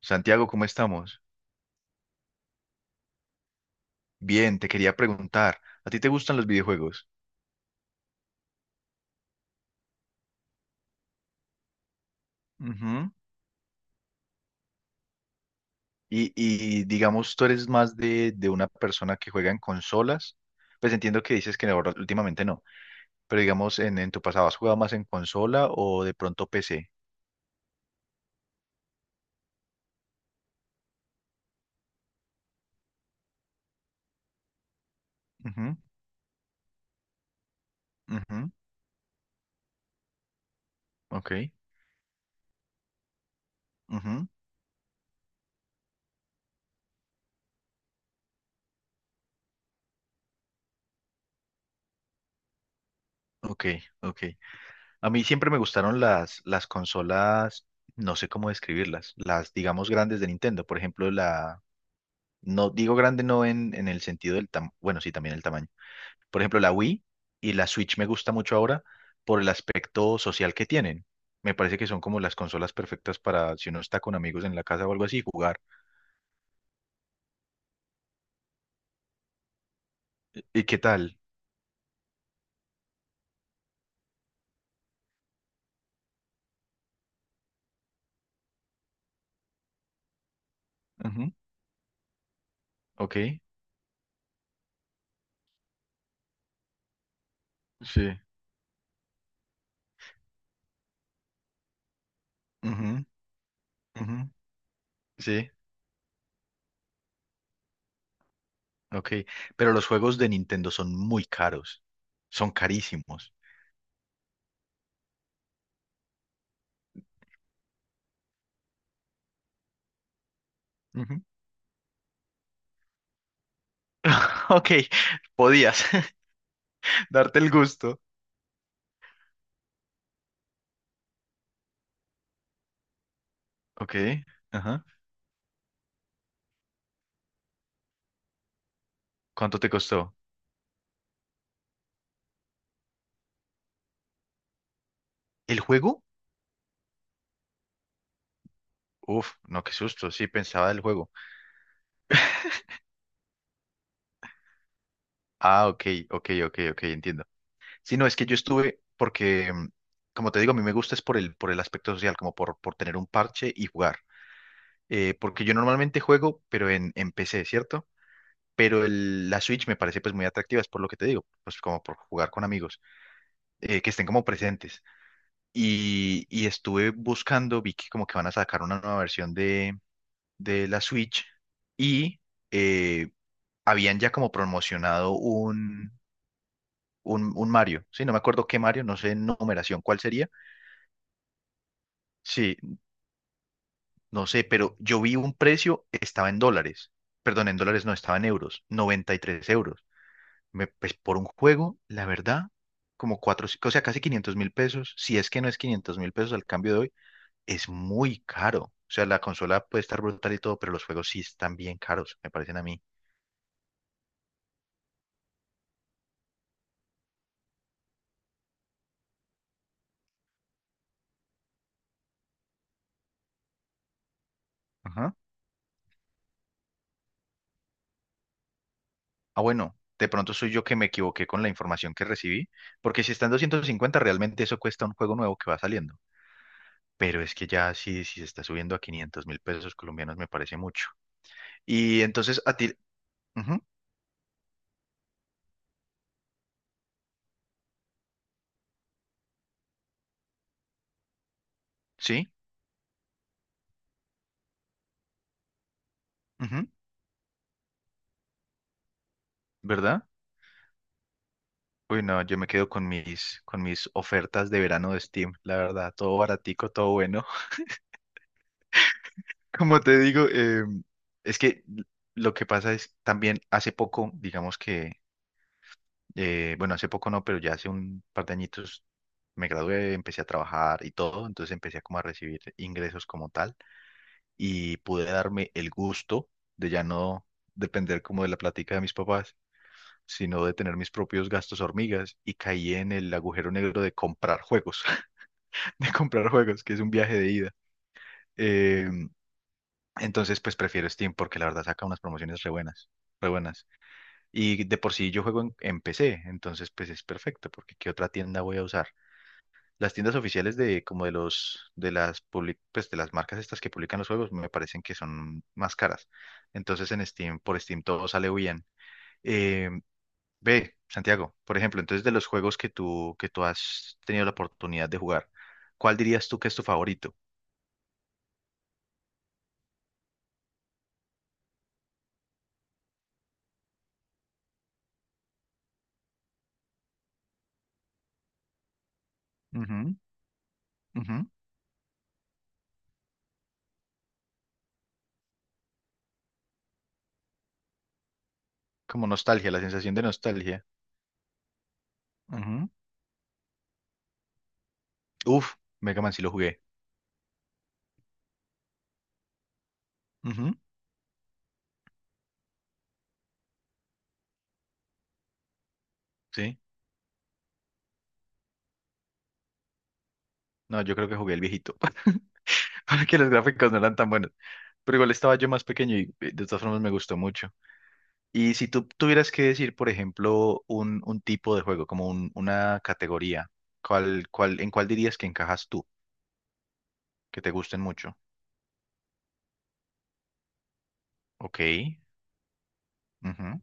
Santiago, ¿cómo estamos? Bien, te quería preguntar, ¿a ti te gustan los videojuegos? Ujú. Y digamos, tú eres más de, una persona que juega en consolas. Pues entiendo que dices que ahora últimamente no, pero digamos, en tu pasado, ¿has jugado más en consola o de pronto PC? Ujú, ujú, ok, ujú, ok, ok. A mí siempre me gustaron las consolas, no sé cómo describirlas, las, digamos, grandes de Nintendo. Por ejemplo, la... No digo grande no en, el sentido del tamaño, bueno, sí, también el tamaño. Por ejemplo, la Wii y la Switch me gusta mucho ahora por el aspecto social que tienen. Me parece que son como las consolas perfectas para si uno está con amigos en la casa o algo así, jugar. ¿Y qué tal? Ujú, ok, sí. Ujú, ujú, sí, ok. Pero los juegos de Nintendo son muy caros. Son carísimos. Ujú. Ok, podías darte el gusto. Ok, ajá. ¿Cuánto te costó? ¿El juego? Uf, no, qué susto. Sí, pensaba del juego. Ah, ok, ok, ok, ok, entiendo. Sí, no, es que yo estuve porque, como te digo, a mí me gusta es por el aspecto social, como por, tener un parche y jugar. Porque yo normalmente juego, pero en, PC, ¿cierto? Pero la Switch me parece pues muy atractiva, es por lo que te digo, pues como por jugar con amigos, que estén como presentes. Y estuve buscando, vi que como que van a sacar una nueva versión de, la Switch y eh, habían ya como promocionado un, Mario, sí, no me acuerdo qué Mario, no sé en numeración cuál sería. Sí, no sé, pero yo vi un precio, estaba en dólares. Perdón, en dólares no, estaba en euros. 93 euros. Me- pues por un juego, la verdad, como cuatro, o sea, casi 500.000 pesos. Si es que no es 500.000 pesos al cambio de hoy, es muy caro. O sea, la consola puede estar brutal y todo, pero los juegos sí están bien caros, me parecen a mí. Ajá. Ah, bueno, de pronto soy yo que me equivoqué con la información que recibí, porque si está en 250, realmente eso cuesta un juego nuevo que va saliendo. Pero es que ya sí, si se está subiendo a 500.000 pesos colombianos me parece mucho. Y entonces a ti, ujú, sí, ujú, ¿verdad? Uy, no, yo me quedo con mis ofertas de verano de Steam, la verdad, todo baratico, todo bueno. Como te digo, es que lo que pasa es también hace poco, digamos que, bueno, hace poco no, pero ya hace un par de añitos me gradué, empecé a trabajar y todo, entonces empecé como a recibir ingresos como tal y pude darme el gusto de ya no depender como de la plática de mis papás, sino de tener mis propios gastos hormigas y caí en el agujero negro de comprar juegos, de comprar juegos, que es un viaje de ida. Eh, entonces, pues prefiero Steam porque la verdad saca unas promociones re buenas, re buenas. Y de por sí yo juego en, PC, entonces pues es perfecto porque ¿qué otra tienda voy a usar? Las tiendas oficiales de como de los de las pues de las marcas estas que publican los juegos me parecen que son más caras. Entonces en Steam, por Steam todo sale bien. Em, Ve, Santiago, por ejemplo, entonces de los juegos que tú, has tenido la oportunidad de jugar, ¿cuál dirías tú que es tu favorito? Ujú, ujú. Como nostalgia, la sensación de nostalgia. Ujú. Uf, Mega Man sí lo jugué. Ujú, sí. No, yo creo que jugué el viejito. Porque los gráficos no eran tan buenos. Pero igual estaba yo más pequeño y de todas formas me gustó mucho. Y si tú tuvieras que decir, por ejemplo, un, tipo de juego, como una categoría, ¿cuál, en cuál dirías que encajas tú, que te gusten mucho? Ok. Ujú,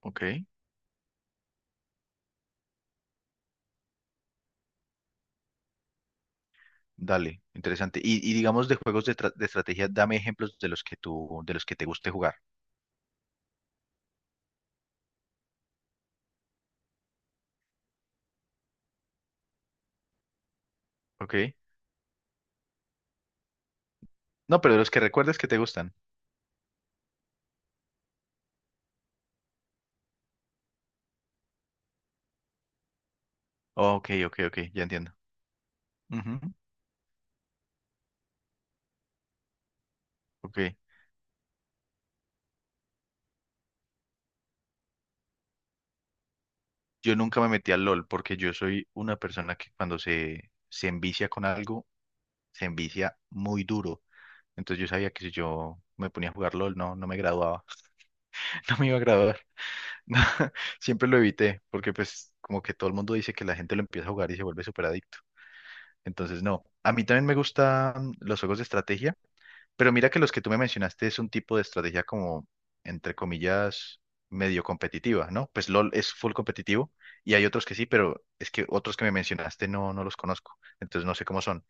ok, dale, interesante. Y digamos de juegos de, estrategia, dame ejemplos de los que tú, de los que te guste jugar. Ok. No, pero de los que recuerdes que te gustan. Ok, ok, ok, ya entiendo. Ujú, ok. Yo nunca me metí al LOL porque yo soy una persona que cuando se, envicia con algo, se envicia muy duro. Entonces yo sabía que si yo me ponía a jugar LOL, no, no me graduaba. No me iba a graduar. Siempre lo evité porque pues como que todo el mundo dice que la gente lo empieza a jugar y se vuelve súper adicto. Entonces, no. A mí también me gustan los juegos de estrategia, pero mira que los que tú me mencionaste es un tipo de estrategia como, entre comillas, medio competitiva, ¿no? Pues LOL es full competitivo y hay otros que sí, pero es que otros que me mencionaste no, no los conozco, entonces no sé cómo son.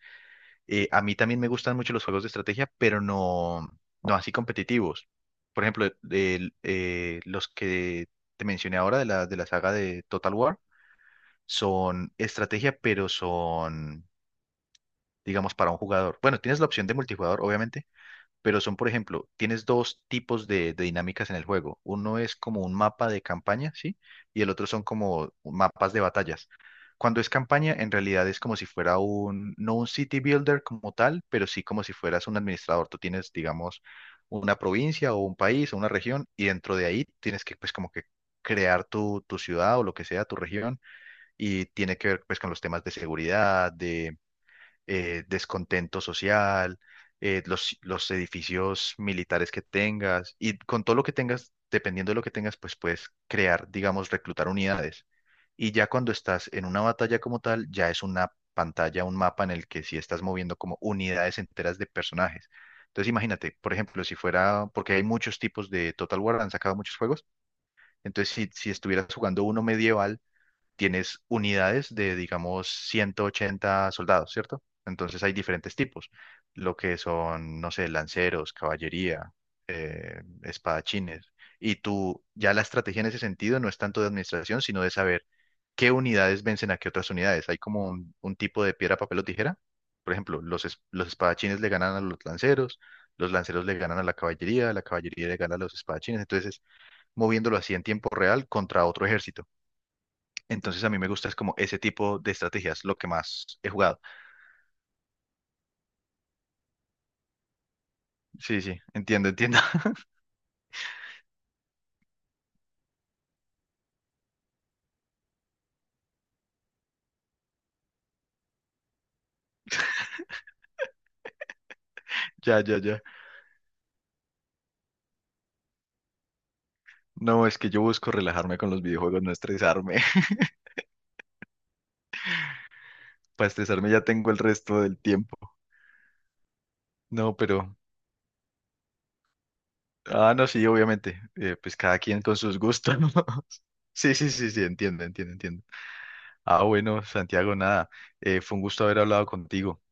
A mí también me gustan mucho los juegos de estrategia, pero no, no así competitivos. Por ejemplo, los que te mencioné ahora de la, saga de Total War son estrategia, pero son digamos, para un jugador. Bueno, tienes la opción de multijugador, obviamente, pero son, por ejemplo, tienes dos tipos de, dinámicas en el juego. Uno es como un mapa de campaña, ¿sí? Y el otro son como mapas de batallas. Cuando es campaña, en realidad es como si fuera un, no un city builder como tal, pero sí como si fueras un administrador. Tú tienes, digamos, una provincia o un país o una región y dentro de ahí tienes que, pues, como que crear tu, ciudad o lo que sea, tu región, y tiene que ver, pues, con los temas de seguridad, de descontento social, los, edificios militares que tengas y con todo lo que tengas, dependiendo de lo que tengas, pues puedes crear, digamos, reclutar unidades. Y ya cuando estás en una batalla como tal, ya es una pantalla, un mapa en el que sí estás moviendo como unidades enteras de personajes. Entonces imagínate, por ejemplo, si fuera, porque hay muchos tipos de Total War, han sacado muchos juegos, entonces si, estuvieras jugando uno medieval, tienes unidades de, digamos, 180 soldados, ¿cierto? Entonces hay diferentes tipos, lo que son, no sé, lanceros, caballería, espadachines. Y tú, ya la estrategia en ese sentido no es tanto de administración, sino de saber qué unidades vencen a qué otras unidades. Hay como un, tipo de piedra, papel o tijera. Por ejemplo, los, los espadachines le ganan a los lanceros le ganan a la caballería le gana a los espadachines. Entonces, moviéndolo así en tiempo real contra otro ejército. Entonces a mí me gusta es como ese tipo de estrategias, lo que más he jugado. Sí, sí, entiendo, entiendo. Ya, ya, ya. No, es que yo busco relajarme con los videojuegos, no estresarme. Para estresarme ya tengo el resto del tiempo. No, pero... Ah, no, sí, obviamente. Pues cada quien con sus gustos, ¿no? Sí, sí, sí, sí, entiendo, entiendo, entiendo. Ah, bueno, Santiago, nada, fue un gusto haber hablado contigo.